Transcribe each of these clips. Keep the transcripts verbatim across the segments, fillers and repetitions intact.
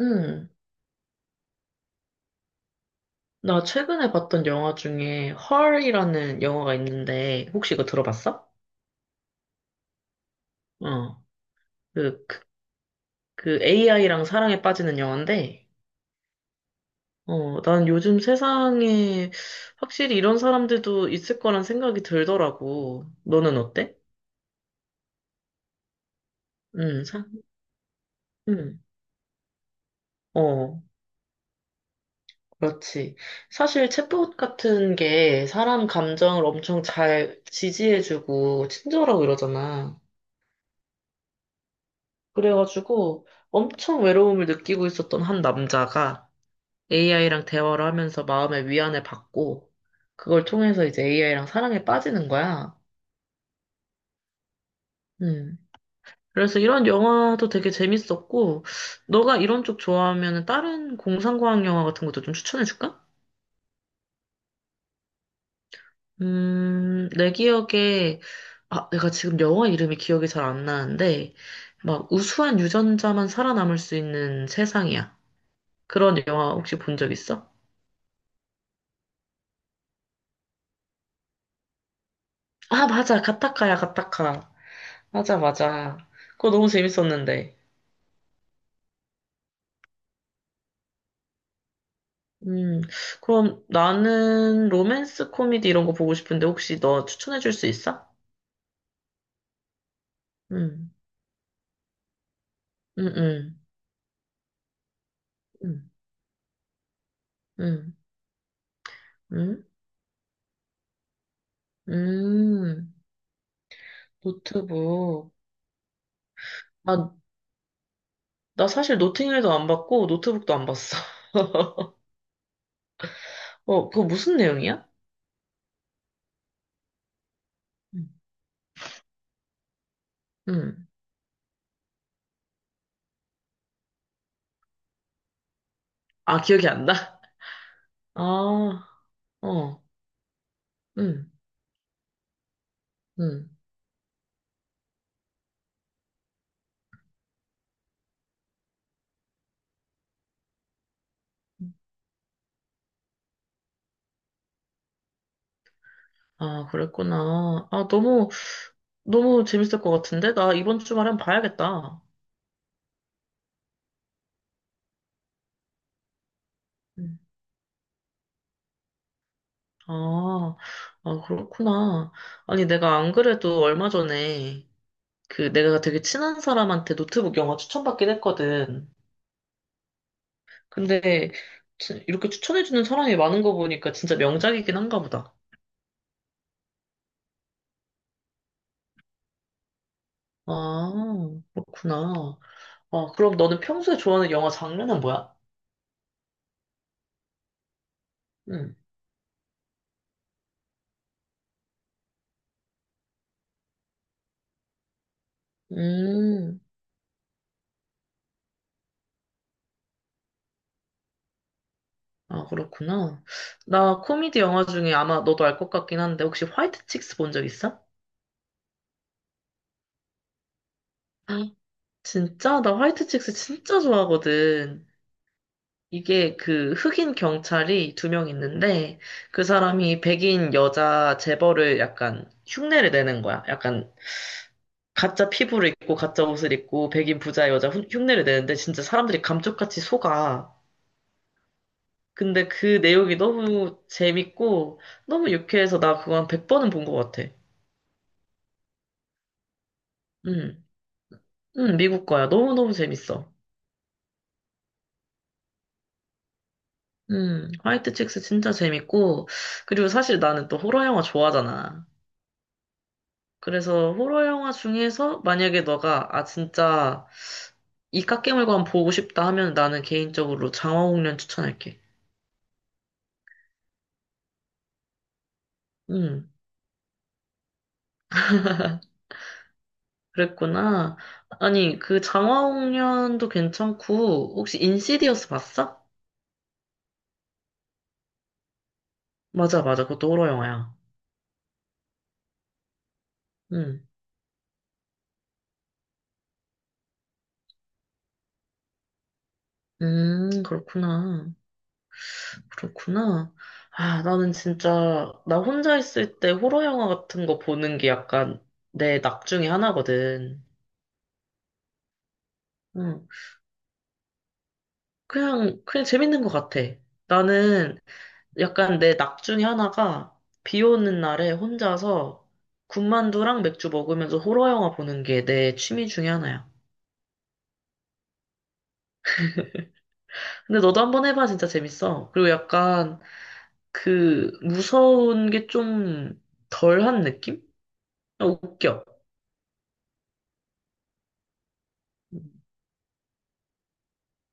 음, 나 최근에 봤던 영화 중에 헐이라는 영화가 있는데 혹시 이거 들어봤어? 어, 그, 그, 그 에이아이랑 사랑에 빠지는 영화인데 어, 난 요즘 세상에 확실히 이런 사람들도 있을 거란 생각이 들더라고. 너는 어때? 음, 사, 음, 어, 그렇지. 사실 챗봇 같은 게 사람 감정을 엄청 잘 지지해주고 친절하고 이러잖아. 그래가지고 엄청 외로움을 느끼고 있었던 한 남자가 에이아이랑 대화를 하면서 마음의 위안을 받고 그걸 통해서 이제 에이아이랑 사랑에 빠지는 거야. 음. 그래서 이런 영화도 되게 재밌었고 너가 이런 쪽 좋아하면 다른 공상과학 영화 같은 것도 좀 추천해 줄까? 음, 내 기억에. 아, 내가 지금 영화 이름이 기억이 잘 안 나는데 막 우수한 유전자만 살아남을 수 있는 세상이야. 그런 영화 혹시 본 적 있어? 아, 맞아. 가타카야, 가타카. 맞아, 맞아. 그거 너무 재밌었는데. 음, 그럼 나는 로맨스 코미디 이런 거 보고 싶은데 혹시 너 추천해 줄 수 있어? 음. 음. 음. 음. 음. 음. 음. 노트북. 아, 나 사실 노팅힐도 안 봤고 노트북도 안 봤어. 어, 그거 무슨 내용이야? 음. 음. 아, 기억이 안 나? 아. 어. 음. 음. 아, 그랬구나. 아, 너무 너무 재밌을 것 같은데? 나 이번 주말에 한번 봐야겠다. 음. 아, 아, 그렇구나. 아니, 내가 안 그래도 얼마 전에 그 내가 되게 친한 사람한테 노트북 영화 추천받긴 했거든. 근데 치- 이렇게 추천해주는 사람이 많은 거 보니까 진짜 명작이긴 한가 보다. 아, 그렇구나. 아, 그럼 너는 평소에 좋아하는 영화 장르는 뭐야? 음. 음. 아, 그렇구나. 나 코미디 영화 중에 아마 너도 알 것 같긴 한데 혹시 화이트 칙스 본 적 있어? 진짜? 나 화이트 칙스 진짜 좋아하거든. 이게 그 흑인 경찰이 두 명 있는데 그 사람이 백인 여자 재벌을 약간 흉내를 내는 거야. 약간 가짜 피부를 입고 가짜 옷을 입고 백인 부자 여자 흉- 흉내를 내는데 진짜 사람들이 감쪽같이 속아. 근데 그 내용이 너무 재밌고 너무 유쾌해서 나 그거 한 백 번은 본 것 같아. 응, 응, 미국 거야. 너무너무 재밌어. 음, 화이트 칙스 진짜 재밌고, 그리고 사실 나는 또 호러 영화 좋아하잖아. 그래서 호러 영화 중에서 만약에 너가 아 진짜 이 깎이물관 보고 싶다 하면 나는 개인적으로 장화홍련 추천할게. 음, 그랬구나. 아니 그 장화홍련도 괜찮고 혹시 인시디어스 봤어? 맞아 맞아 그것도 호러 영화야. 음. 음 그렇구나. 그렇구나. 아 나는 진짜 나 혼자 있을 때 호러 영화 같은 거 보는 게 약간 내 낙 중에 하나거든. 응. 그냥, 그냥 재밌는 것 같아. 나는 약간 내 낙 중에 하나가 비 오는 날에 혼자서 군만두랑 맥주 먹으면서 호러 영화 보는 게 내 취미 중에 하나야. 근데 너도 한번 해봐, 진짜 재밌어. 그리고 약간 그 무서운 게 좀 덜한 느낌? 아, 웃겨.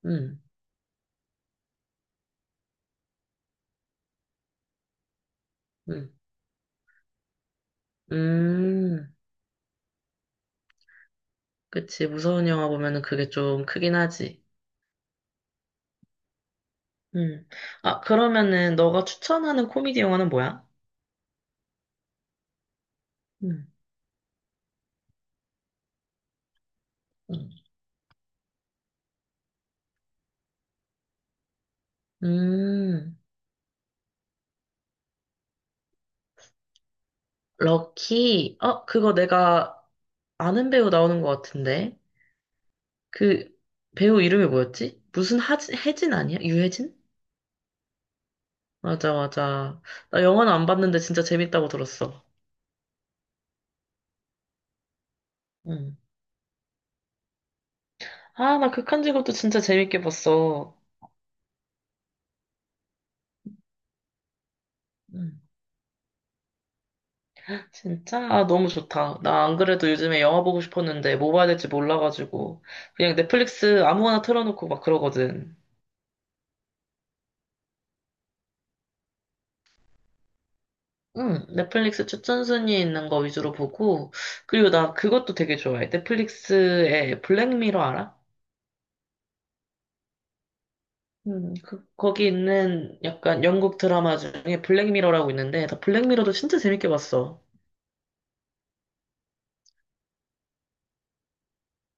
응. 응. 음. 음, 그치, 무서운 영화 보면은 그게 좀 크긴 하지. 음. 아, 그러면은 너가 추천하는 코미디 영화는 뭐야? 음. 음. 음, 럭키. 어, 그거 내가 아는 배우 나오는 것 같은데. 그 배우 이름이 뭐였지? 무슨 하진, 혜진 아니야? 유혜진? 맞아, 맞아. 나 영화는 안 봤는데 진짜 재밌다고 들었어. 응. 아, 나 극한 직업도 진짜 재밌게 봤어. 응. 진짜? 아, 너무 좋다. 나 안 그래도 요즘에 영화 보고 싶었는데 뭐 봐야 될지 몰라가지고 그냥 넷플릭스 아무거나 틀어놓고 막 그러거든. 응, 넷플릭스 추천 순위 있는 거 위주로 보고, 그리고 나 그것도 되게 좋아해. 넷플릭스에 블랙미러 알아? 음, 그, 거기 있는 약간 영국 드라마 중에 블랙미러라고 있는데, 나 블랙미러도 진짜 재밌게 봤어.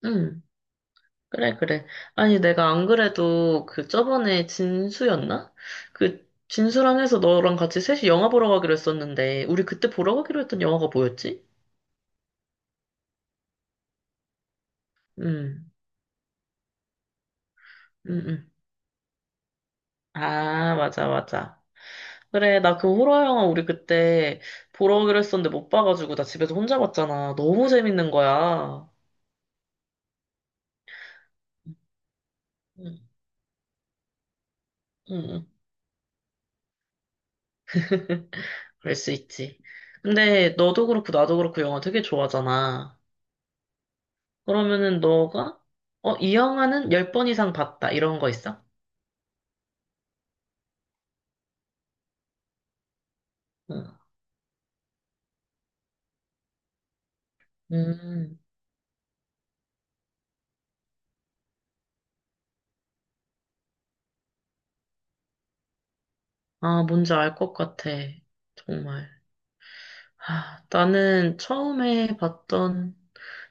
응, 그래, 그래. 아니, 내가 안 그래도 그 저번에 진수였나? 그 진수랑 해서 너랑 같이 셋이 영화 보러 가기로 했었는데, 우리 그때 보러 가기로 했던 영화가 뭐였지? 응. 응. 응. 아, 맞아, 맞아. 그래, 나 그 호러 영화 우리 그때 보러 오기로 했었는데 못 봐가지고 나 집에서 혼자 봤잖아. 너무 재밌는 거야. 응. 응. 응. 그럴 수 있지. 근데 너도 그렇고 나도 그렇고 영화 되게 좋아하잖아. 그러면은 너가 어, 이 영화는 열 번 이상 봤다. 이런 거 있어? 응. 음, 아, 뭔지 알 것 같아. 정말. 아, 나는 처음에 봤던,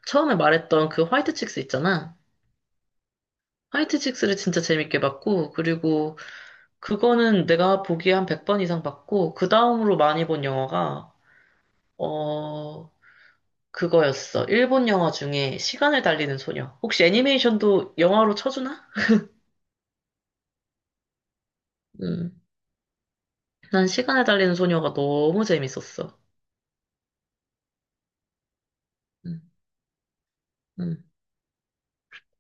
처음에 말했던 그 화이트 칙스 있잖아. 화이트 칙스를 진짜 재밌게 봤고, 그리고 그거는 내가 보기에 한 백 번 이상 봤고, 그 다음으로 많이 본 영화가, 어, 그거였어. 일본 영화 중에 시간을 달리는 소녀. 혹시 애니메이션도 영화로 쳐주나? 음. 난 시간을 달리는 소녀가 너무 재밌었어. 음. 음.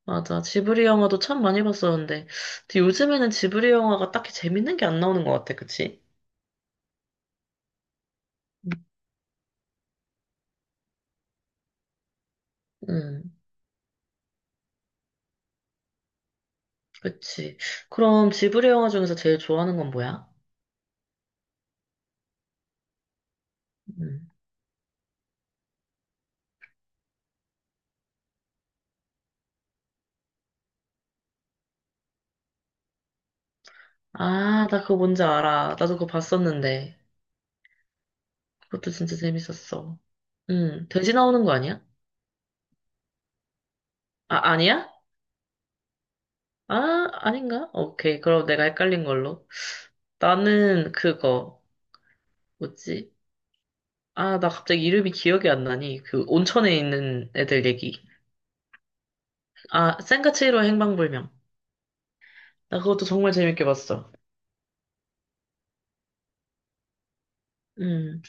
맞아. 지브리 영화도 참 많이 봤었는데, 근데 요즘에는 지브리 영화가 딱히 재밌는 게 안 나오는 것 같아. 그치? 음, 그치. 그럼 지브리 영화 중에서 제일 좋아하는 건 뭐야? 음. 아, 나 그거 뭔지 알아. 나도 그거 봤었는데. 그것도 진짜 재밌었어. 음, 돼지 나오는 거 아니야? 아, 아니야? 아, 아닌가? 오케이. 그럼 내가 헷갈린 걸로. 나는 그거, 뭐지? 아, 나 갑자기 이름이 기억이 안 나니. 그 온천에 있는 애들 얘기. 아, 센과칠로 행방불명. 나 그것도 정말 재밌게 봤어. 음,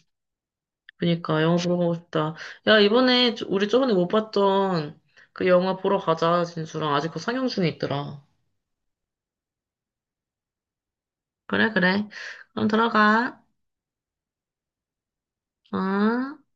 그니까 영화 보러 가고 싶다. 야, 이번에 저- 우리 저번에 못 봤던 그 영화 보러 가자, 진수랑. 아직 그거 상영 중에 있더라. 그래, 그래. 그럼 들어가. 어?